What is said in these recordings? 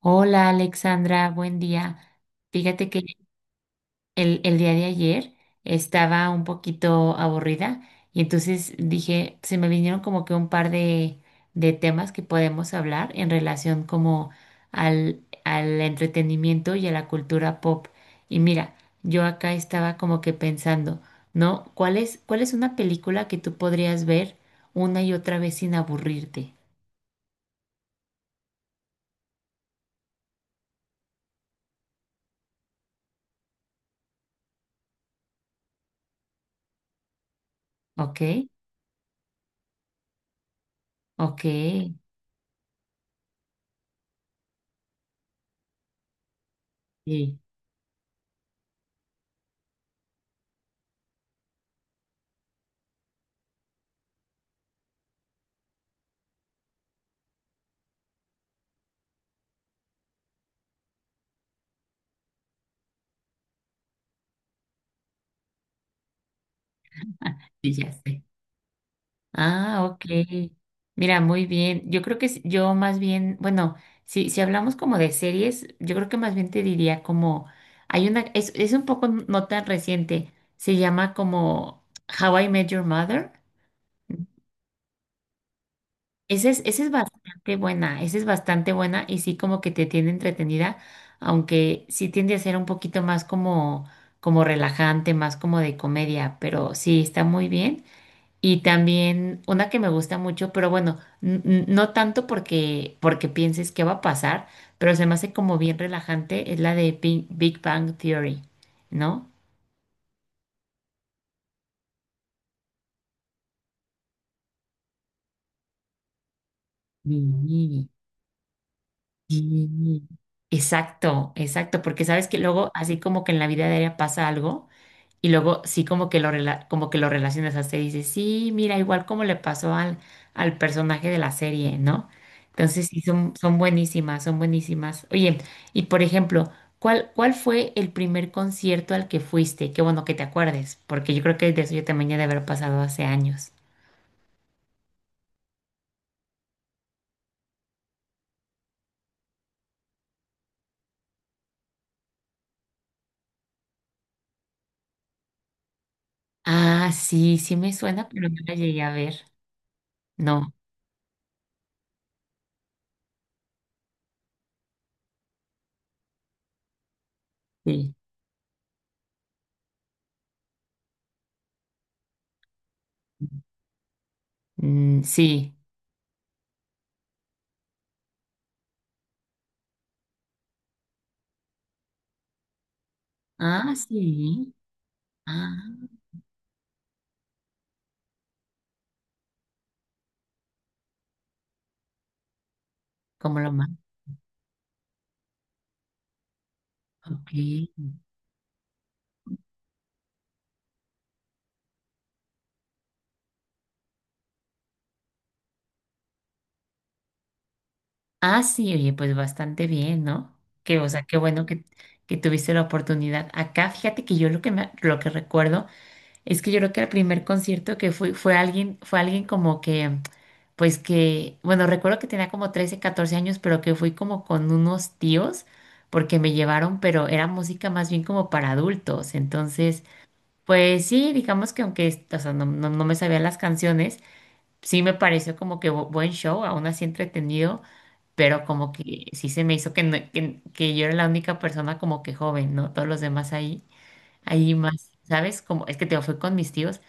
Hola Alexandra, buen día. Fíjate que el día de ayer estaba un poquito aburrida y entonces dije, se me vinieron como que un par de temas que podemos hablar en relación como al entretenimiento y a la cultura pop. Y mira, yo acá estaba como que pensando, ¿no? ¿Cuál es una película que tú podrías ver una y otra vez sin aburrirte? ¿Ok? Ok. Sí. Sí, ya sé. Ah, ok. Mira, muy bien. Yo creo que yo más bien, bueno, si hablamos como de series, yo creo que más bien te diría como, hay una, es un poco no tan reciente, se llama como How I Met Your Mother. Esa es bastante buena, esa es bastante buena y sí como que te tiene entretenida, aunque sí tiende a ser un poquito más como, como relajante, más como de comedia, pero sí está muy bien. Y también una que me gusta mucho, pero bueno, no tanto porque pienses qué va a pasar, pero se me hace como bien relajante, es la de Big Bang Theory, ¿no? Sí, sí. Exacto, exacto, porque sabes que luego así como que en la vida diaria pasa algo. Y luego sí como que lo como que lo relacionas hasta y dices, sí, mira, igual como le pasó al personaje de la serie, ¿no? Entonces sí, son buenísimas, son buenísimas. Oye, y por ejemplo, ¿cuál fue el primer concierto al que fuiste? Qué bueno que te acuerdes, porque yo creo que de eso yo también ya de haber pasado hace años. Ah, sí, sí me suena, pero no la llegué a ver. No, sí. Mm, sí. Ah, sí. Ah, como lo más. Ok. Ah, sí, oye, pues bastante bien, ¿no? Que, o sea, qué bueno que, tuviste la oportunidad. Acá, fíjate que yo lo que me, lo que recuerdo es que yo creo que el primer concierto que fui fue alguien como que, pues que, bueno, recuerdo que tenía como 13, 14 años, pero que fui como con unos tíos porque me llevaron, pero era música más bien como para adultos. Entonces, pues sí, digamos que aunque, o sea, no me sabía las canciones, sí me pareció como que buen show, aún así entretenido pero como que sí se me hizo que, que yo era la única persona como que joven, ¿no? Todos los demás ahí, ahí más, ¿sabes? Como, es que te digo, fui con mis tíos,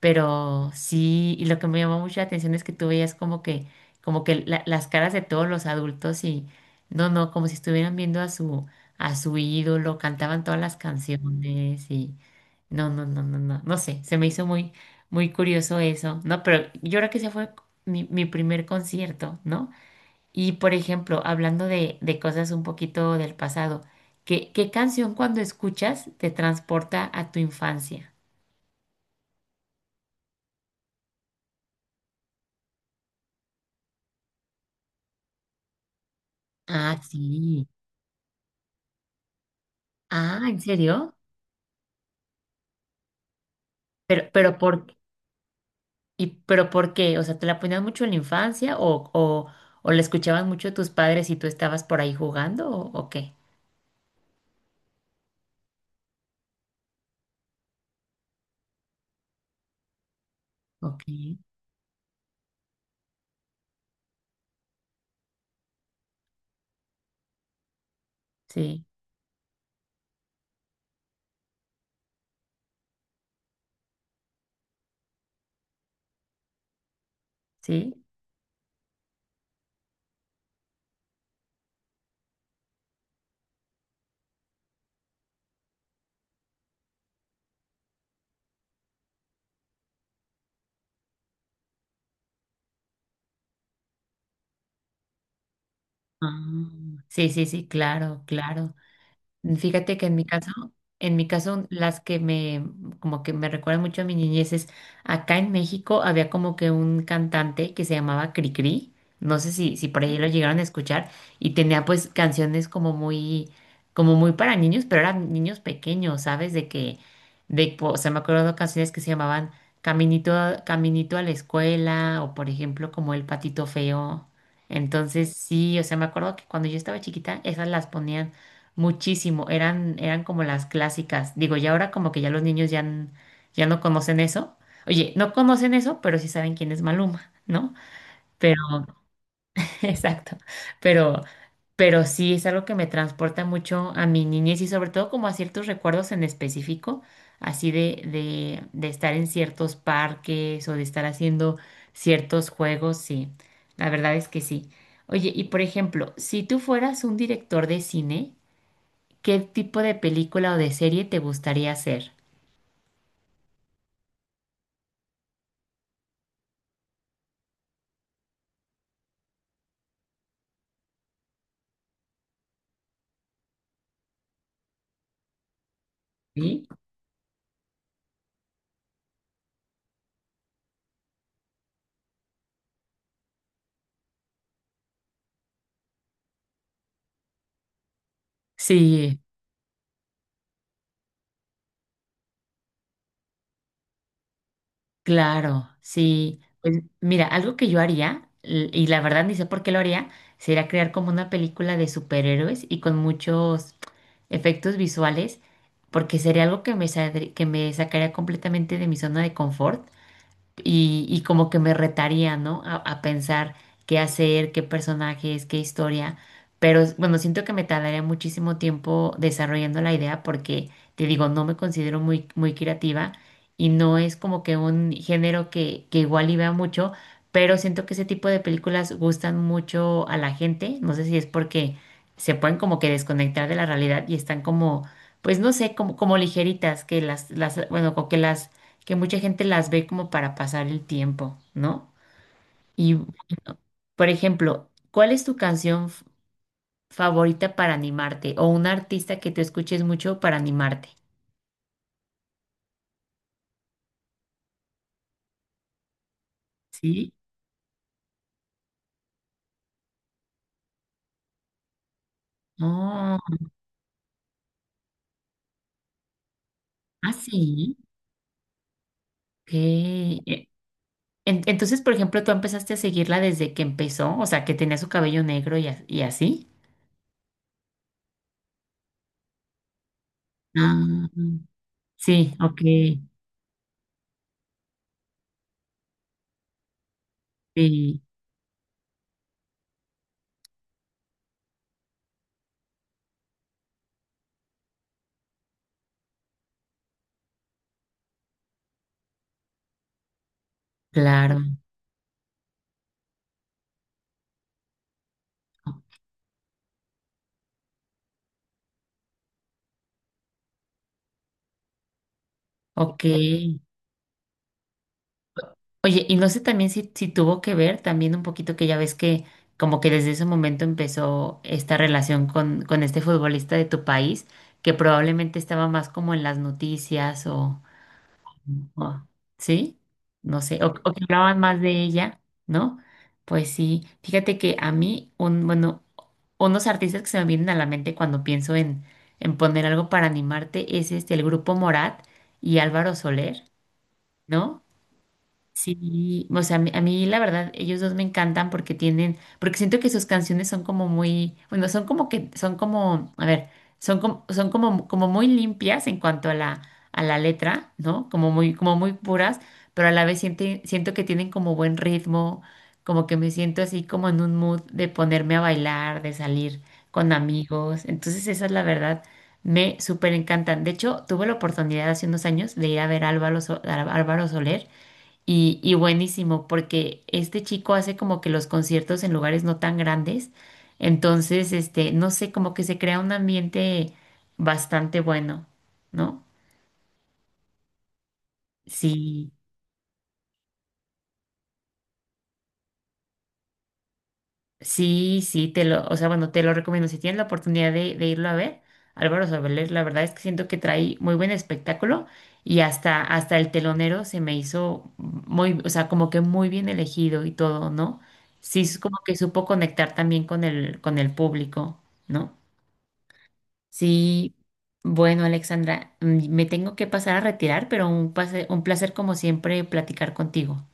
pero sí, y lo que me llamó mucho la atención es que tú veías como que las caras de todos los adultos y, no, como si estuvieran viendo a su ídolo, cantaban todas las canciones y, no sé, se me hizo muy, muy curioso eso, ¿no? Pero yo creo que ese fue mi primer concierto, ¿no? Y por ejemplo, hablando de cosas un poquito del pasado, ¿qué canción cuando escuchas te transporta a tu infancia? Ah, sí. Ah, ¿en serio? Pero, pero por, pero, ¿por qué? O sea, ¿te la ponían mucho en la infancia o, o la escuchaban mucho tus padres y tú estabas por ahí jugando o qué? Ok, sí, sí. Ah, sí, sí, sí, claro, claro. Fíjate que en mi caso, las que me, como que me recuerdan mucho a mi niñez es, acá en México había como que un cantante que se llamaba Cricri, no sé si por ahí lo llegaron a escuchar, y tenía pues canciones como muy para niños, pero eran niños pequeños, ¿sabes? De que, de, o sea, me acuerdo de canciones que se llamaban Caminito, Caminito a la escuela, o por ejemplo, como El Patito Feo. Entonces, sí, o sea, me acuerdo que cuando yo estaba chiquita, esas las ponían muchísimo, eran como las clásicas. Digo, y ahora como que ya los niños ya no conocen eso. Oye, no conocen eso, pero sí saben quién es Maluma, ¿no? Pero, exacto, pero, pero sí es algo que me transporta mucho a mi niñez y sobre todo como a ciertos recuerdos en específico, así de estar en ciertos parques o de estar haciendo ciertos juegos, sí, la verdad es que sí. Oye, y por ejemplo, si tú fueras un director de cine, ¿qué tipo de película o de serie te gustaría hacer? ¿Sí? Sí, claro, sí. Pues mira, algo que yo haría, y la verdad ni sé por qué lo haría, sería crear como una película de superhéroes y con muchos efectos visuales, porque sería algo que me, que me sacaría completamente de mi zona de confort. Y como que me retaría, ¿no? A pensar qué hacer, qué personajes, qué historia. Pero bueno, siento que me tardaría muchísimo tiempo desarrollando la idea porque, te digo, no me considero muy, muy creativa y no es como que un género que igual y vea mucho, pero siento que ese tipo de películas gustan mucho a la gente. No sé si es porque se pueden como que desconectar de la realidad y están como, pues no sé, como ligeritas, que bueno, como que las que mucha gente las ve como para pasar el tiempo, ¿no? Y, por ejemplo, ¿cuál es tu canción favorita para animarte o un artista que te escuches mucho para animarte? Sí. Oh, ah, sí. Ok. Entonces, por ejemplo, tú empezaste a seguirla desde que empezó, o sea, que tenía su cabello negro y, y así. Ah, sí, ok, sí, claro. Ok. Oye, y no sé también si tuvo que ver también un poquito que ya ves que como que desde ese momento empezó esta relación con este futbolista de tu país, que probablemente estaba más como en las noticias o, o- ¿sí? No sé, o que hablaban más de ella, ¿no? Pues sí, fíjate que a mí, bueno, unos artistas que se me vienen a la mente cuando pienso en poner algo para animarte es este, el grupo Morat y Álvaro Soler, ¿no? Sí, o sea, a mí la verdad, ellos dos me encantan porque porque siento que sus canciones son como muy, bueno, son como que, son como, a ver, son como, como muy limpias en cuanto a la letra, ¿no? Como muy puras, pero a la vez siento que tienen como buen ritmo, como que me siento así como en un mood de ponerme a bailar, de salir con amigos. Entonces, esa es la verdad, me súper encantan. De hecho, tuve la oportunidad hace unos años de ir a ver a Álvaro Soler. Y buenísimo, porque este chico hace como que los conciertos en lugares no tan grandes, entonces, este, no sé, como que se crea un ambiente bastante bueno, ¿no? Sí, sí, sí, o sea, bueno, te lo recomiendo. Si tienes la oportunidad de irlo a ver, Álvaro Soler, la verdad es que siento que trae muy buen espectáculo y hasta el telonero se me hizo muy, o sea, como que muy bien elegido y todo, ¿no? Sí, es como que supo conectar también con el, con el, público, ¿no? Sí, bueno, Alexandra, me tengo que pasar a retirar, pero un placer como siempre platicar contigo.